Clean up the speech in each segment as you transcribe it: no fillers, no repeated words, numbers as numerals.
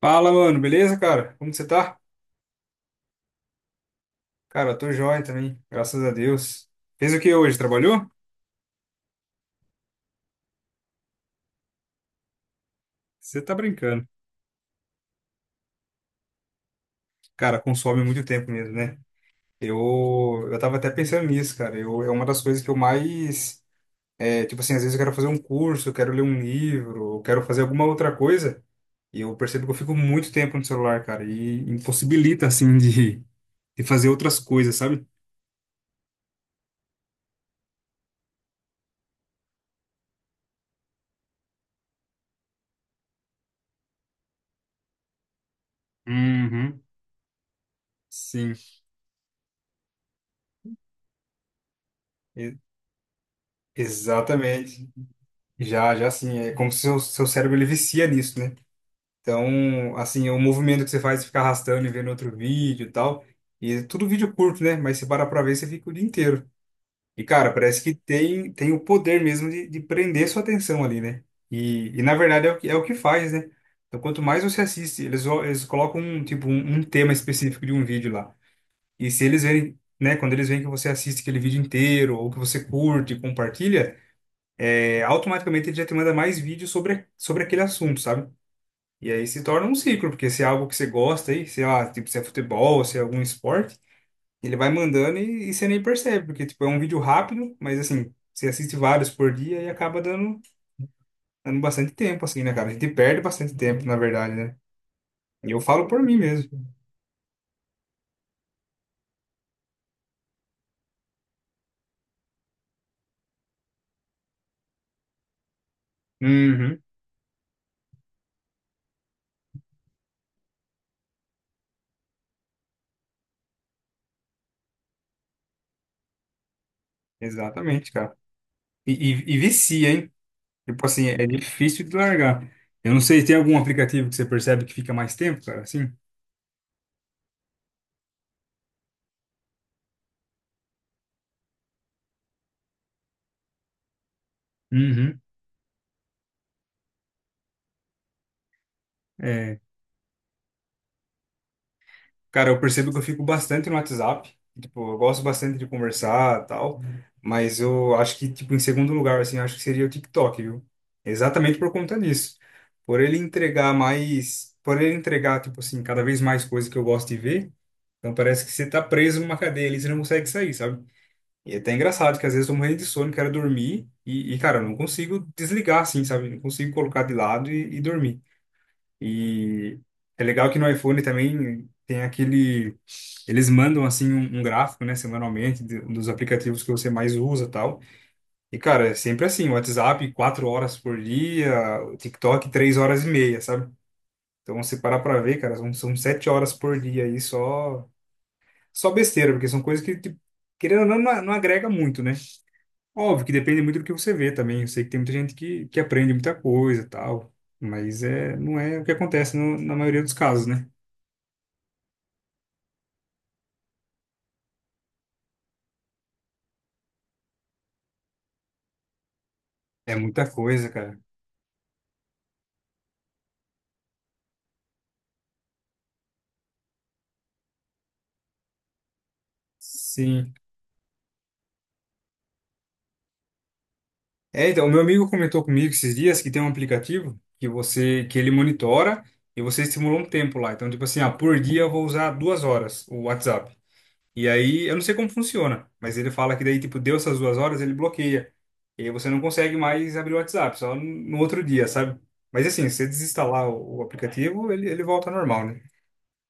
Fala, mano, beleza, cara? Como que você tá? Cara, eu tô joia também, graças a Deus. Fez o que hoje? Trabalhou? Você tá brincando. Cara, consome muito tempo mesmo, né? Eu tava até pensando nisso, cara. É uma das coisas que eu mais. É, tipo assim, às vezes eu quero fazer um curso, eu quero ler um livro, eu quero fazer alguma outra coisa, e eu percebo que eu fico muito tempo no celular, cara, e impossibilita, assim, de fazer outras coisas, sabe? Uhum, sim, e- exatamente. Já assim, é como se o seu, seu cérebro ele vicia nisso, né? Então, assim, o movimento que você faz, você fica arrastando e vendo outro vídeo e tal, e é tudo vídeo curto, né? Mas você para pra ver, você fica o dia inteiro. E, cara, parece que tem o poder mesmo de prender sua atenção ali, né? E na verdade, é o que faz, né? Então, quanto mais você assiste, eles colocam, um, tipo, um tema específico de um vídeo lá. E se eles verem, né? Quando eles veem que você assiste aquele vídeo inteiro, ou que você curte e compartilha, é, automaticamente ele já te manda mais vídeos sobre, sobre aquele assunto, sabe? E aí se torna um ciclo, porque se é algo que você gosta aí, sei lá, tipo, se é futebol, se é algum esporte, ele vai mandando e você nem percebe, porque, tipo, é um vídeo rápido, mas, assim, você assiste vários por dia e acaba dando, dando bastante tempo, assim, né, cara? A gente perde bastante tempo, na verdade, né? E eu falo por mim mesmo. Uhum, exatamente, cara. E vicia, hein? Tipo assim, é difícil de largar. Eu não sei, tem algum aplicativo que você percebe que fica mais tempo, cara, assim? Uhum. Cara, eu percebo que eu fico bastante no WhatsApp. Tipo, eu gosto bastante de conversar e tal. Mas eu acho que, tipo, em segundo lugar, assim, eu acho que seria o TikTok, viu? Exatamente por conta disso. Por ele entregar mais. Por ele entregar, tipo assim, cada vez mais coisas que eu gosto de ver. Então parece que você tá preso numa cadeia ali, você não consegue sair, sabe? E é até engraçado que às vezes eu tô morrendo de sono, quero dormir. E, cara, eu não consigo desligar, assim, sabe? Não consigo colocar de lado e dormir. E é legal que no iPhone também tem aquele eles mandam assim um, um gráfico, né, semanalmente dos aplicativos que você mais usa, e tal. E cara, é sempre assim, o WhatsApp 4 horas por dia, o TikTok 3 horas e meia, sabe? Então você parar para ver, cara, são, são 7 horas por dia aí só besteira, porque são coisas que tipo, querendo ou não, não não agrega muito, né? Óbvio que depende muito do que você vê também. Eu sei que tem muita gente que aprende muita coisa, e tal, mas é não é o que acontece na maioria dos casos, né? É muita coisa, cara. Sim. É, então, meu amigo comentou comigo esses dias que tem um aplicativo que você que ele monitora e você estimula um tempo lá. Então, tipo assim, ah, por dia eu vou usar 2 horas o WhatsApp. E aí, eu não sei como funciona, mas ele fala que daí, tipo, deu essas 2 horas, ele bloqueia. E aí você não consegue mais abrir o WhatsApp, só no outro dia, sabe? Mas assim, se você desinstalar o aplicativo, ele volta ao normal, né?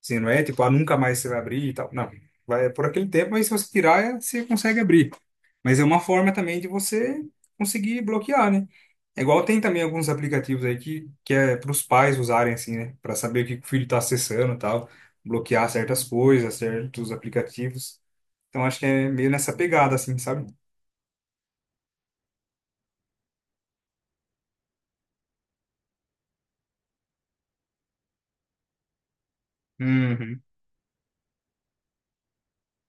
Sim, não é tipo, ah, nunca mais você vai abrir e tal. Não, vai é por aquele tempo, mas se você tirar, é- você consegue abrir. Mas é uma forma também de você conseguir bloquear, né? É igual tem também alguns aplicativos aí que é para os pais usarem, assim, né? Para saber o que que o filho está acessando e tal. Bloquear certas coisas, certos aplicativos. Então acho que é meio nessa pegada, assim, sabe? Uhum.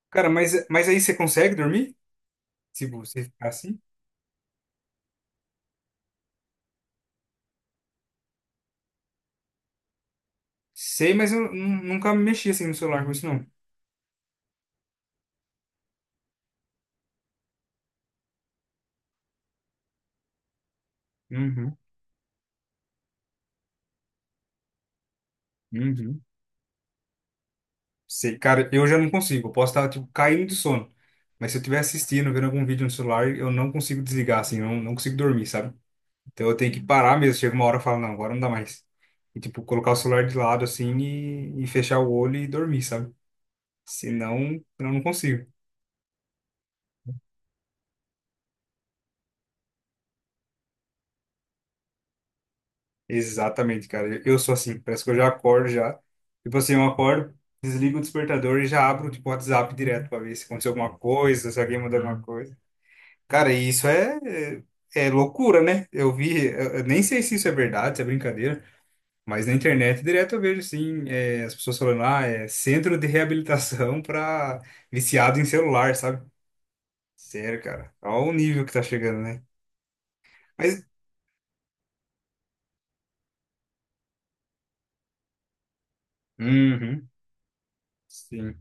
Cara, mas aí você consegue dormir? Se você ficar assim? Sei, mas eu nunca mexi assim no celular com isso, não. Uhum. Uhum. Sei, cara, eu já não consigo. Eu posso estar, tipo, caindo de sono. Mas se eu estiver assistindo, vendo algum vídeo no celular, eu não consigo desligar, assim, eu não, não consigo dormir, sabe? Então eu tenho que parar mesmo. Chega uma hora e falo, não, agora não dá mais. E, tipo, colocar o celular de lado, assim, e fechar o olho e dormir, sabe? Senão, eu não consigo. Exatamente, cara. Eu sou assim. Parece que eu já acordo já. Tipo assim, eu acordo, desligo o despertador e já abro, tipo, o WhatsApp direto pra ver se aconteceu alguma coisa, se alguém mandou alguma coisa. Cara, e isso é, é é loucura, né? Eu vi, eu nem sei se isso é verdade, se é brincadeira, mas na internet direto eu vejo, sim, é, as pessoas falando, ah, é centro de reabilitação para viciado em celular, sabe? Sério, cara. Olha o nível que tá chegando, né? Mas, uhum, sim.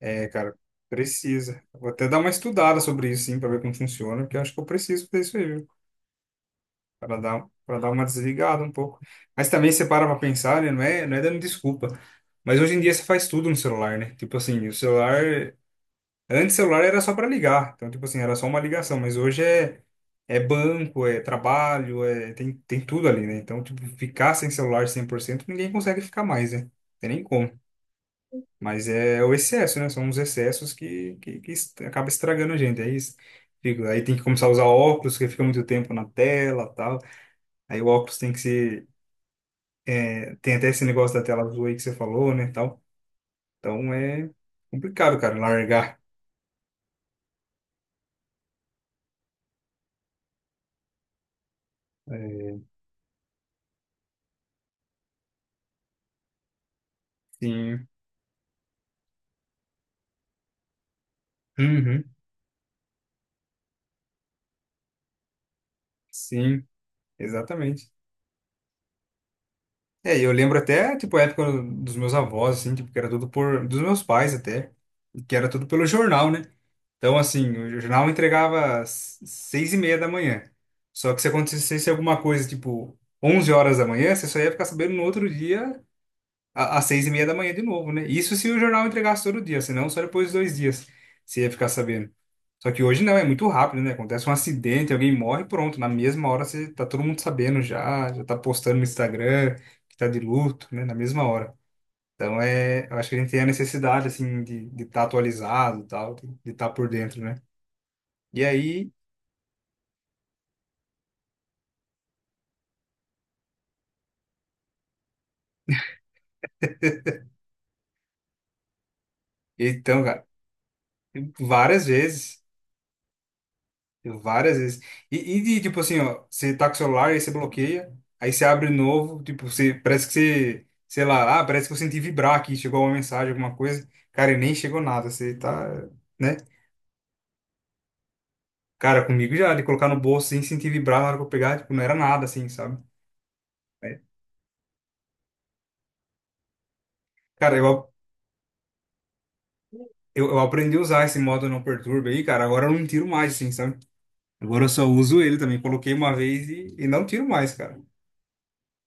É, cara, precisa. Vou até dar uma estudada sobre isso, sim, pra ver como funciona, porque eu acho que eu preciso fazer isso aí, viu? Para dar uma desligada um pouco. Mas também você para para pensar, né? Não é dando desculpa. Mas hoje em dia você faz tudo no celular, né? Tipo assim, o celular. Antes o celular era só para ligar. Então, tipo assim, era só uma ligação. Mas hoje é, é banco, é trabalho, é, tem tudo ali, né? Então, tipo, ficar sem celular 100% ninguém consegue ficar mais, né? Não tem nem como. Mas é o excesso, né? São os excessos que, que acaba estragando a gente. É isso. Fico- Aí tem que começar a usar óculos, que fica muito tempo na tela, tal. Aí o óculos tem que ser. É, Tem até esse negócio da tela azul aí que você falou, né? Tal. Então é complicado, cara, largar. É, Sim. Uhum. Sim, exatamente. É, e eu lembro até, tipo, a época dos meus avós, assim, tipo, que era tudo por... Dos meus pais até, que era tudo pelo jornal, né? Então, assim, o jornal entregava às 6h30 da manhã. Só que se acontecesse alguma coisa, tipo, 11 horas da manhã, você só ia ficar sabendo no outro dia às 6h30 da manhã de novo, né? Isso se o jornal entregasse todo dia, senão só depois de 2 dias você ia ficar sabendo. Só que hoje não, é muito rápido, né? Acontece um acidente, alguém morre, pronto. Na mesma hora você tá todo mundo sabendo já, já tá postando no Instagram que tá de luto, né? Na mesma hora. Então é, eu acho que a gente tem a necessidade, assim, de estar atualizado e tal, de estar por dentro, né? E aí, então, cara, várias vezes. Eu várias vezes. E de, tipo assim, ó, você tá com o celular, aí você bloqueia, aí você abre novo, tipo, você, parece que você, sei lá, ah, parece que eu senti vibrar aqui, chegou uma mensagem, alguma coisa. Cara, e nem chegou nada, você tá, né? Cara, comigo já, de colocar no bolso sem sentir vibrar na hora que eu pegar, tipo, não era nada assim, sabe? É. Cara, eu aprendi a usar esse modo não perturba aí, cara, agora eu não tiro mais, assim, sabe? Agora eu só uso ele também, coloquei uma vez e não tiro mais, cara.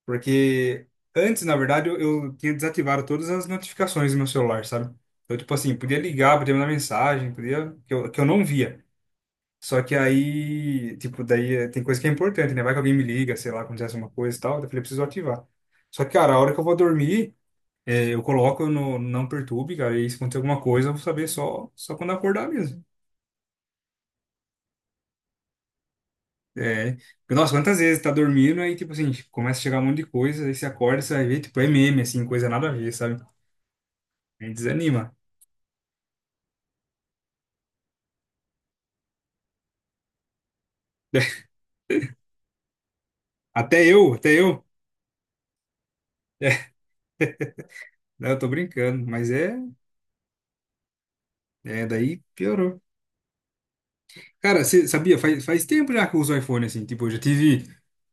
Porque antes, na verdade, eu tinha desativado todas as notificações do meu celular, sabe? Então, tipo assim, podia ligar, podia mandar mensagem, podia, que eu não via. Só que aí, tipo, daí tem coisa que é importante, né? Vai que alguém me liga, sei lá, acontece uma coisa e tal, daí eu falei, "Eu preciso ativar. Só que, cara, a hora que eu vou dormir, eu coloco no Não Perturbe, cara, e aí se acontecer alguma coisa, eu vou saber só quando acordar mesmo. É, porque, nossa, quantas vezes tá dormindo, aí, tipo assim, começa a chegar um monte de coisa, aí você acorda, você vai ver, tipo, é meme, assim, coisa nada a ver, sabe? Aí desanima. Até eu, até eu. É, não, eu tô brincando, mas é, é, daí piorou. Cara, você sabia, faz tempo já que eu uso iPhone, assim, tipo, eu já tive,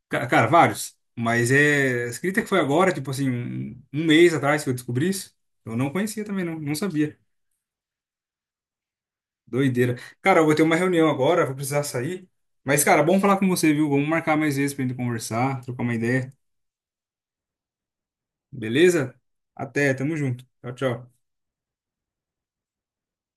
cara, vários, mas é, acredita que foi agora, tipo assim, um mês atrás que eu descobri isso? Eu não conhecia também, não, não sabia. Doideira. Cara, eu vou ter uma reunião agora, vou precisar sair, mas, cara, bom falar com você, viu? Vamos marcar mais vezes pra gente conversar, trocar uma ideia, beleza? Até, tamo junto. Tchau, tchau.